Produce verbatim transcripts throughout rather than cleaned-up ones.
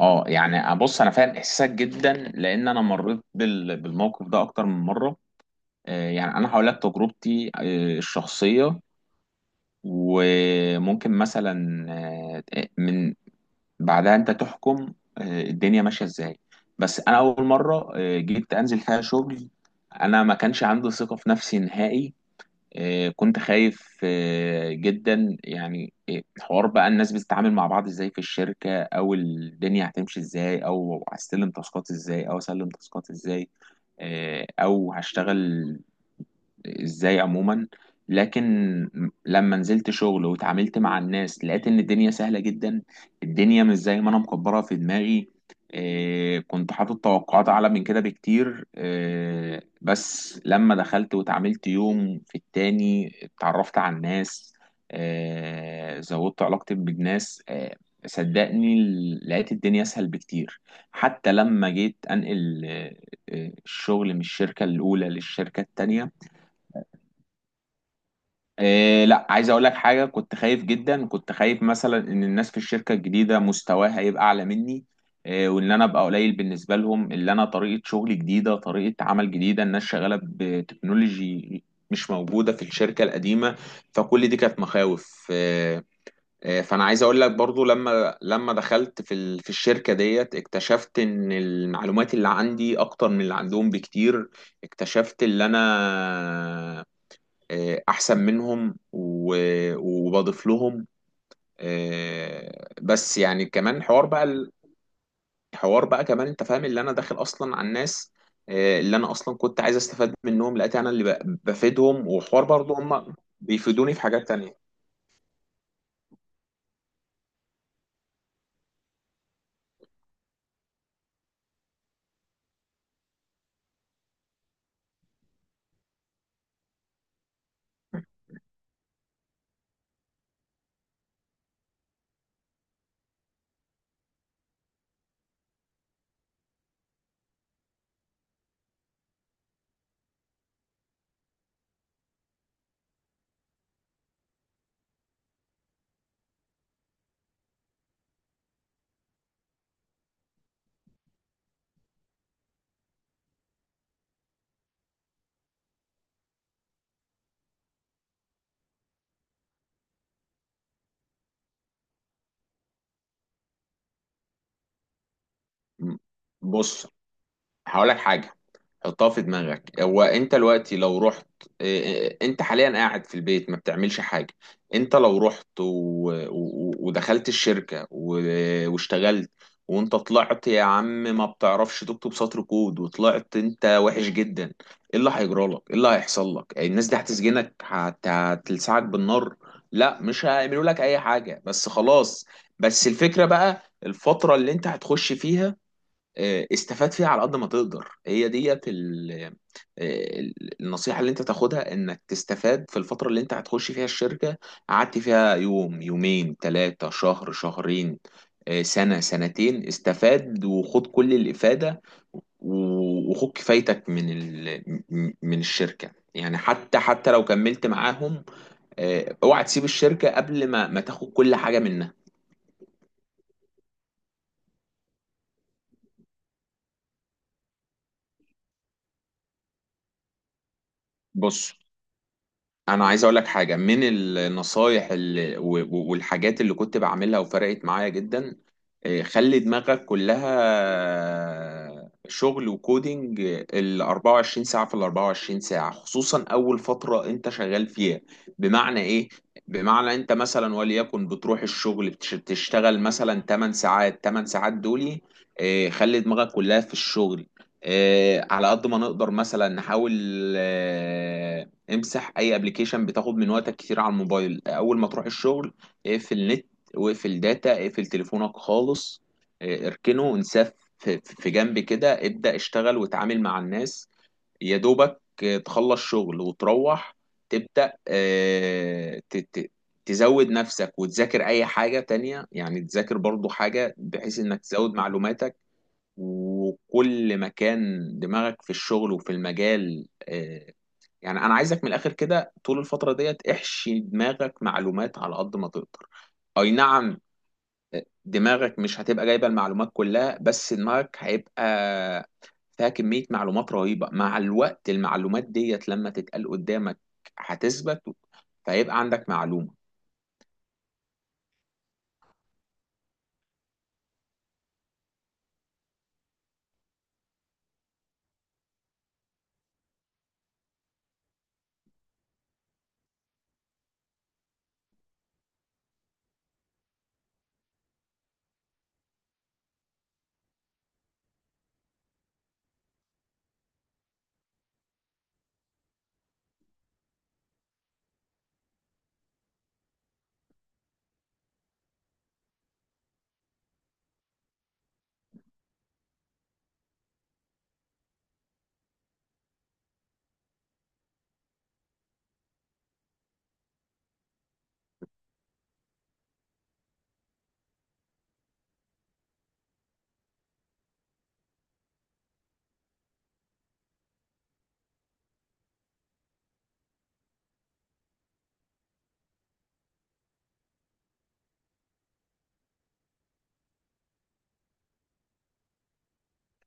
اه، يعني بص، انا فاهم احساسك جدا لان انا مريت بال- بالموقف ده اكتر من مره. آه، يعني انا هقول لك تجربتي آه، الشخصيه، وممكن مثلا آه، من بعدها انت تحكم آه، الدنيا ماشيه ازاي. بس انا اول مره آه، جيت انزل فيها شغل، انا ما كانش عندي ثقه في نفسي نهائي. آه، كنت خايف آه، جدا، يعني آه، حوار بقى الناس بتتعامل مع بعض ازاي في الشركة، او الدنيا هتمشي ازاي، او هستلم تاسكات ازاي، او اسلم تاسكات ازاي، آه، او هشتغل ازاي عموما. لكن لما نزلت شغل واتعاملت مع الناس، لقيت ان الدنيا سهلة جدا. الدنيا مش زي ما انا مكبرها في دماغي. إيه، كنت حاطط توقعات اعلى من كده بكتير، إيه، بس لما دخلت واتعاملت يوم في التاني اتعرفت على الناس، إيه، زودت علاقتي بالناس، إيه، صدقني، لقيت الدنيا اسهل بكتير. حتى لما جيت انقل إيه، إيه، الشغل من الشركة الاولى للشركة التانية. إيه لا، عايز اقول لك حاجه. كنت خايف جدا، كنت خايف مثلا ان الناس في الشركه الجديده مستواها هيبقى اعلى مني، إيه، وان انا ابقى قليل بالنسبه لهم، اللي انا طريقه شغل جديده، طريقه عمل جديده، الناس شغاله بتكنولوجي مش موجوده في الشركه القديمه، فكل دي كانت مخاوف. إيه إيه، فانا عايز اقول لك برضو، لما لما دخلت في ال- في الشركه ديت، اكتشفت ان المعلومات اللي عندي اكتر من اللي عندهم بكتير. اكتشفت اللي انا آه، احسن منهم و- وبضيف لهم، آه، بس يعني كمان حوار بقى. الحوار بقى كمان انت فاهم اللي انا داخل اصلا على الناس، آه، اللي انا اصلا كنت عايز استفاد منهم، لقيت انا اللي ب- بفيدهم، وحوار برضه هم بيفيدوني في حاجات تانية. م- بص، هقول لك حاجة، حطها في دماغك. هو انت دلوقتي لو رحت. اه، اه، انت حاليا قاعد في البيت ما بتعملش حاجة. انت لو رحت و... و... ودخلت الشركة و... واشتغلت، وانت طلعت يا عم ما بتعرفش تكتب سطر كود، وطلعت انت وحش جدا، ايه اللي هيجرى لك؟ ايه اللي هيحصل لك؟ الناس دي هتسجنك، هت... هتلسعك بالنار؟ لا، مش هيعملوا لك اي حاجة، بس خلاص. بس الفكرة بقى، الفترة اللي انت هتخش فيها، آه، استفاد فيها على قد ما تقدر، هي ديت ال- آه، النصيحة اللي انت تاخدها، انك تستفاد في الفترة اللي انت هتخش فيها الشركة، قعدت فيها يوم، يومين، ثلاثة، شهر، شهرين، آه، سنة، سنتين، استفاد وخد كل الإفادة، و- وخد كفايتك من ال... م- من الشركة، يعني حتى حتى لو كملت معاهم. آه، اوعى تسيب الشركة قبل ما ما تاخد كل حاجة منها. بص، انا عايز اقول لك حاجه من النصايح اللي و- و- والحاجات اللي كنت بعملها وفرقت معايا جدا. إيه، خلي دماغك كلها شغل وكودينج ال أربعة وعشرين ساعه في ال أربعة وعشرين ساعه، خصوصا اول فتره انت شغال فيها. بمعنى ايه؟ بمعنى انت مثلا، وليكن بتروح الشغل بتش- بتشتغل مثلا تمن ساعات، تمانية ساعات دول، إيه، خلي دماغك كلها في الشغل. إيه، على قد ما نقدر مثلا، نحاول امسح اي ابلكيشن بتاخد من وقتك كتير على الموبايل. اول ما تروح الشغل اقفل نت، واقفل داتا، اقفل تليفونك خالص، اه، اركنه، انساه في في جنب كده، ابدأ اشتغل وتعامل مع الناس. يا دوبك اه، تخلص شغل وتروح، تبدأ اه، ت- ت- تزود نفسك وتذاكر اي حاجة تانية، يعني تذاكر برضو حاجة بحيث انك تزود معلوماتك. وكل ما كان دماغك في الشغل وفي المجال آه، يعني انا عايزك من الاخر كده، طول الفتره ديت احشي دماغك معلومات على قد ما تقدر. اي نعم، دماغك مش هتبقى جايبه المعلومات كلها، بس دماغك هيبقى فيها كميه معلومات رهيبه. مع الوقت المعلومات ديت لما تتقال قدامك هتثبت، فيبقى عندك معلومه.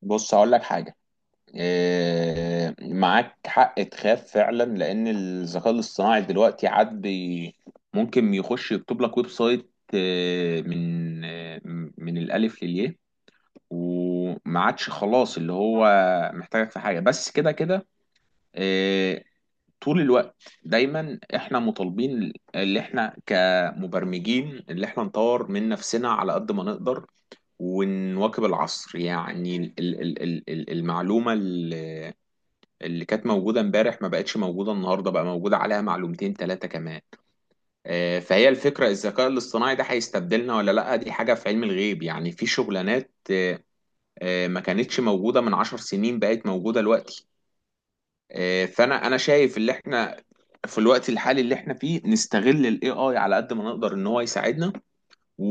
بص، هقول لك حاجه، آه، معاك حق تخاف فعلا، لان الذكاء الاصطناعي دلوقتي عاد بي- ممكن يخش يكتب لك ويب سايت آه، من آه، من الالف للياء، وما عادش خلاص اللي هو محتاجك في حاجه، بس كده كده. آه، طول الوقت دايما احنا مطالبين، اللي احنا كمبرمجين، اللي احنا نطور من نفسنا على قد ما نقدر، ونواكب العصر، يعني ال- ال- ال- ال- المعلومه اللي كانت موجودة امبارح ما بقتش موجودة النهاردة، بقى موجودة عليها معلومتين ثلاثة كمان. آه، فهي الفكرة، الذكاء الاصطناعي ده هيستبدلنا ولا لأ؟ دي حاجة في علم الغيب. يعني في شغلانات آه، آه، ما كانتش موجودة من عشر سنين، بقت موجودة دلوقتي. آه، فأنا أنا شايف اللي احنا في الوقت الحالي اللي احنا فيه، نستغل الاي اي على قد ما نقدر ان هو يساعدنا، و...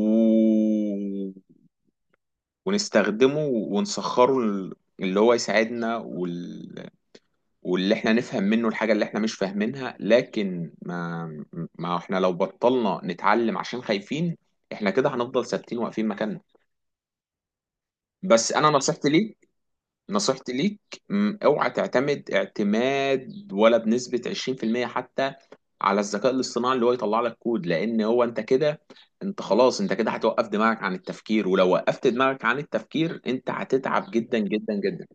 ونستخدمه ونسخره، اللي هو يساعدنا وال... واللي احنا نفهم منه الحاجة اللي احنا مش فاهمينها. لكن ما ما احنا لو بطلنا نتعلم عشان خايفين، احنا كده هنفضل ثابتين واقفين مكاننا. بس انا نصيحتي ليك، نصيحتي ليك م، اوعى تعتمد اعتماد ولا بنسبة عشرين في المية حتى على الذكاء الاصطناعي اللي هو يطلع لك كود، لان هو انت كده، انت خلاص، انت كده هتوقف دماغك عن التفكير، ولو وقفت دماغك عن التفكير انت هتتعب جدا جدا جدا.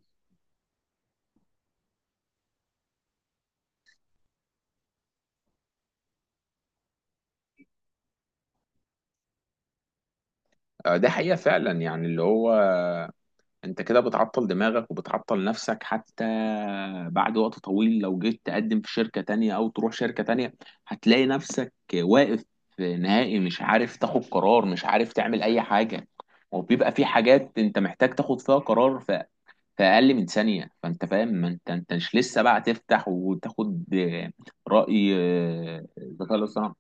آه، ده حقيقة فعلا، يعني اللي هو انت كده بتعطل دماغك وبتعطل نفسك حتى. بعد وقت طويل لو جيت تقدم في شركة تانية او تروح شركة تانية، هتلاقي نفسك واقف نهائي، مش عارف تاخد قرار، مش عارف تعمل اي حاجة. وبيبقى في حاجات انت محتاج تاخد فيها قرار ف- في اقل من ثانية، فانت فاهم، ما انت انت مش لسه بقى تفتح وتاخد آه، رأي آه، الذكاء الاصطناعي.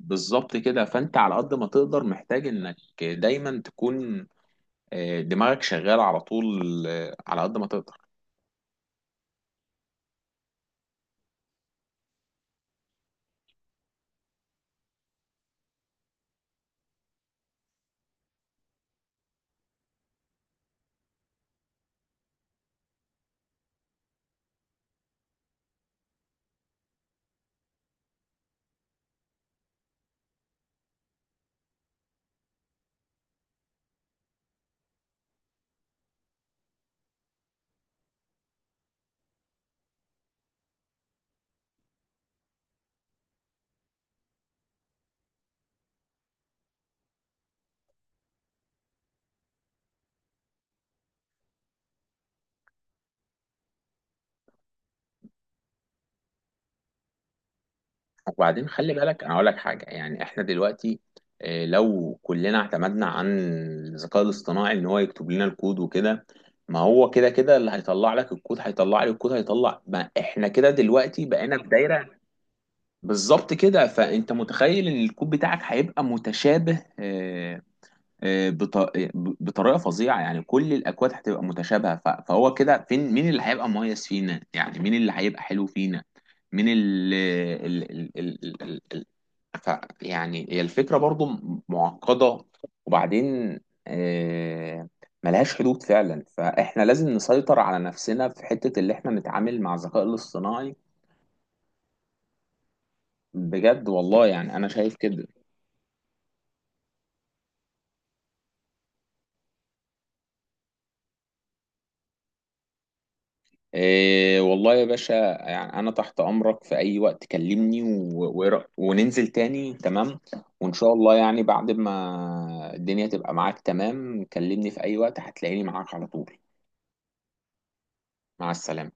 بالظبط كده، فانت على قد ما تقدر محتاج انك دايما تكون آه، دماغك شغال على طول، آه، على قد ما تقدر. وبعدين خلي بالك، انا اقول لك حاجه، يعني احنا دلوقتي آه، لو كلنا اعتمدنا عن الذكاء الاصطناعي ان هو يكتب لنا الكود وكده، ما هو كده كده اللي هيطلع لك الكود هيطلع لي الكود هيطلع، ما احنا كده دلوقتي بقينا في دايره. بالظبط كده، فانت متخيل ان الكود بتاعك هيبقى متشابه آه، آه، بط- بطريقه فظيعه، يعني كل الاكواد هتبقى متشابهه، ف- فهو كده فين؟ مين اللي هيبقى مميز فينا؟ يعني مين اللي هيبقى حلو فينا؟ مين ال ال ال ال ال ال ف يعني هي الفكره برضو م- معقده. وبعدين آه، ملهاش حدود فعلا، فاحنا لازم نسيطر على نفسنا في حته اللي احنا نتعامل مع الذكاء الاصطناعي. بجد والله، يعني انا شايف كده. إيه والله يا باشا، يعني أنا تحت أمرك في أي وقت، كلمني و... و... وننزل تاني، تمام. وإن شاء الله، يعني بعد ما الدنيا تبقى معاك تمام، كلمني في أي وقت، هتلاقيني معاك على طول. مع السلامة.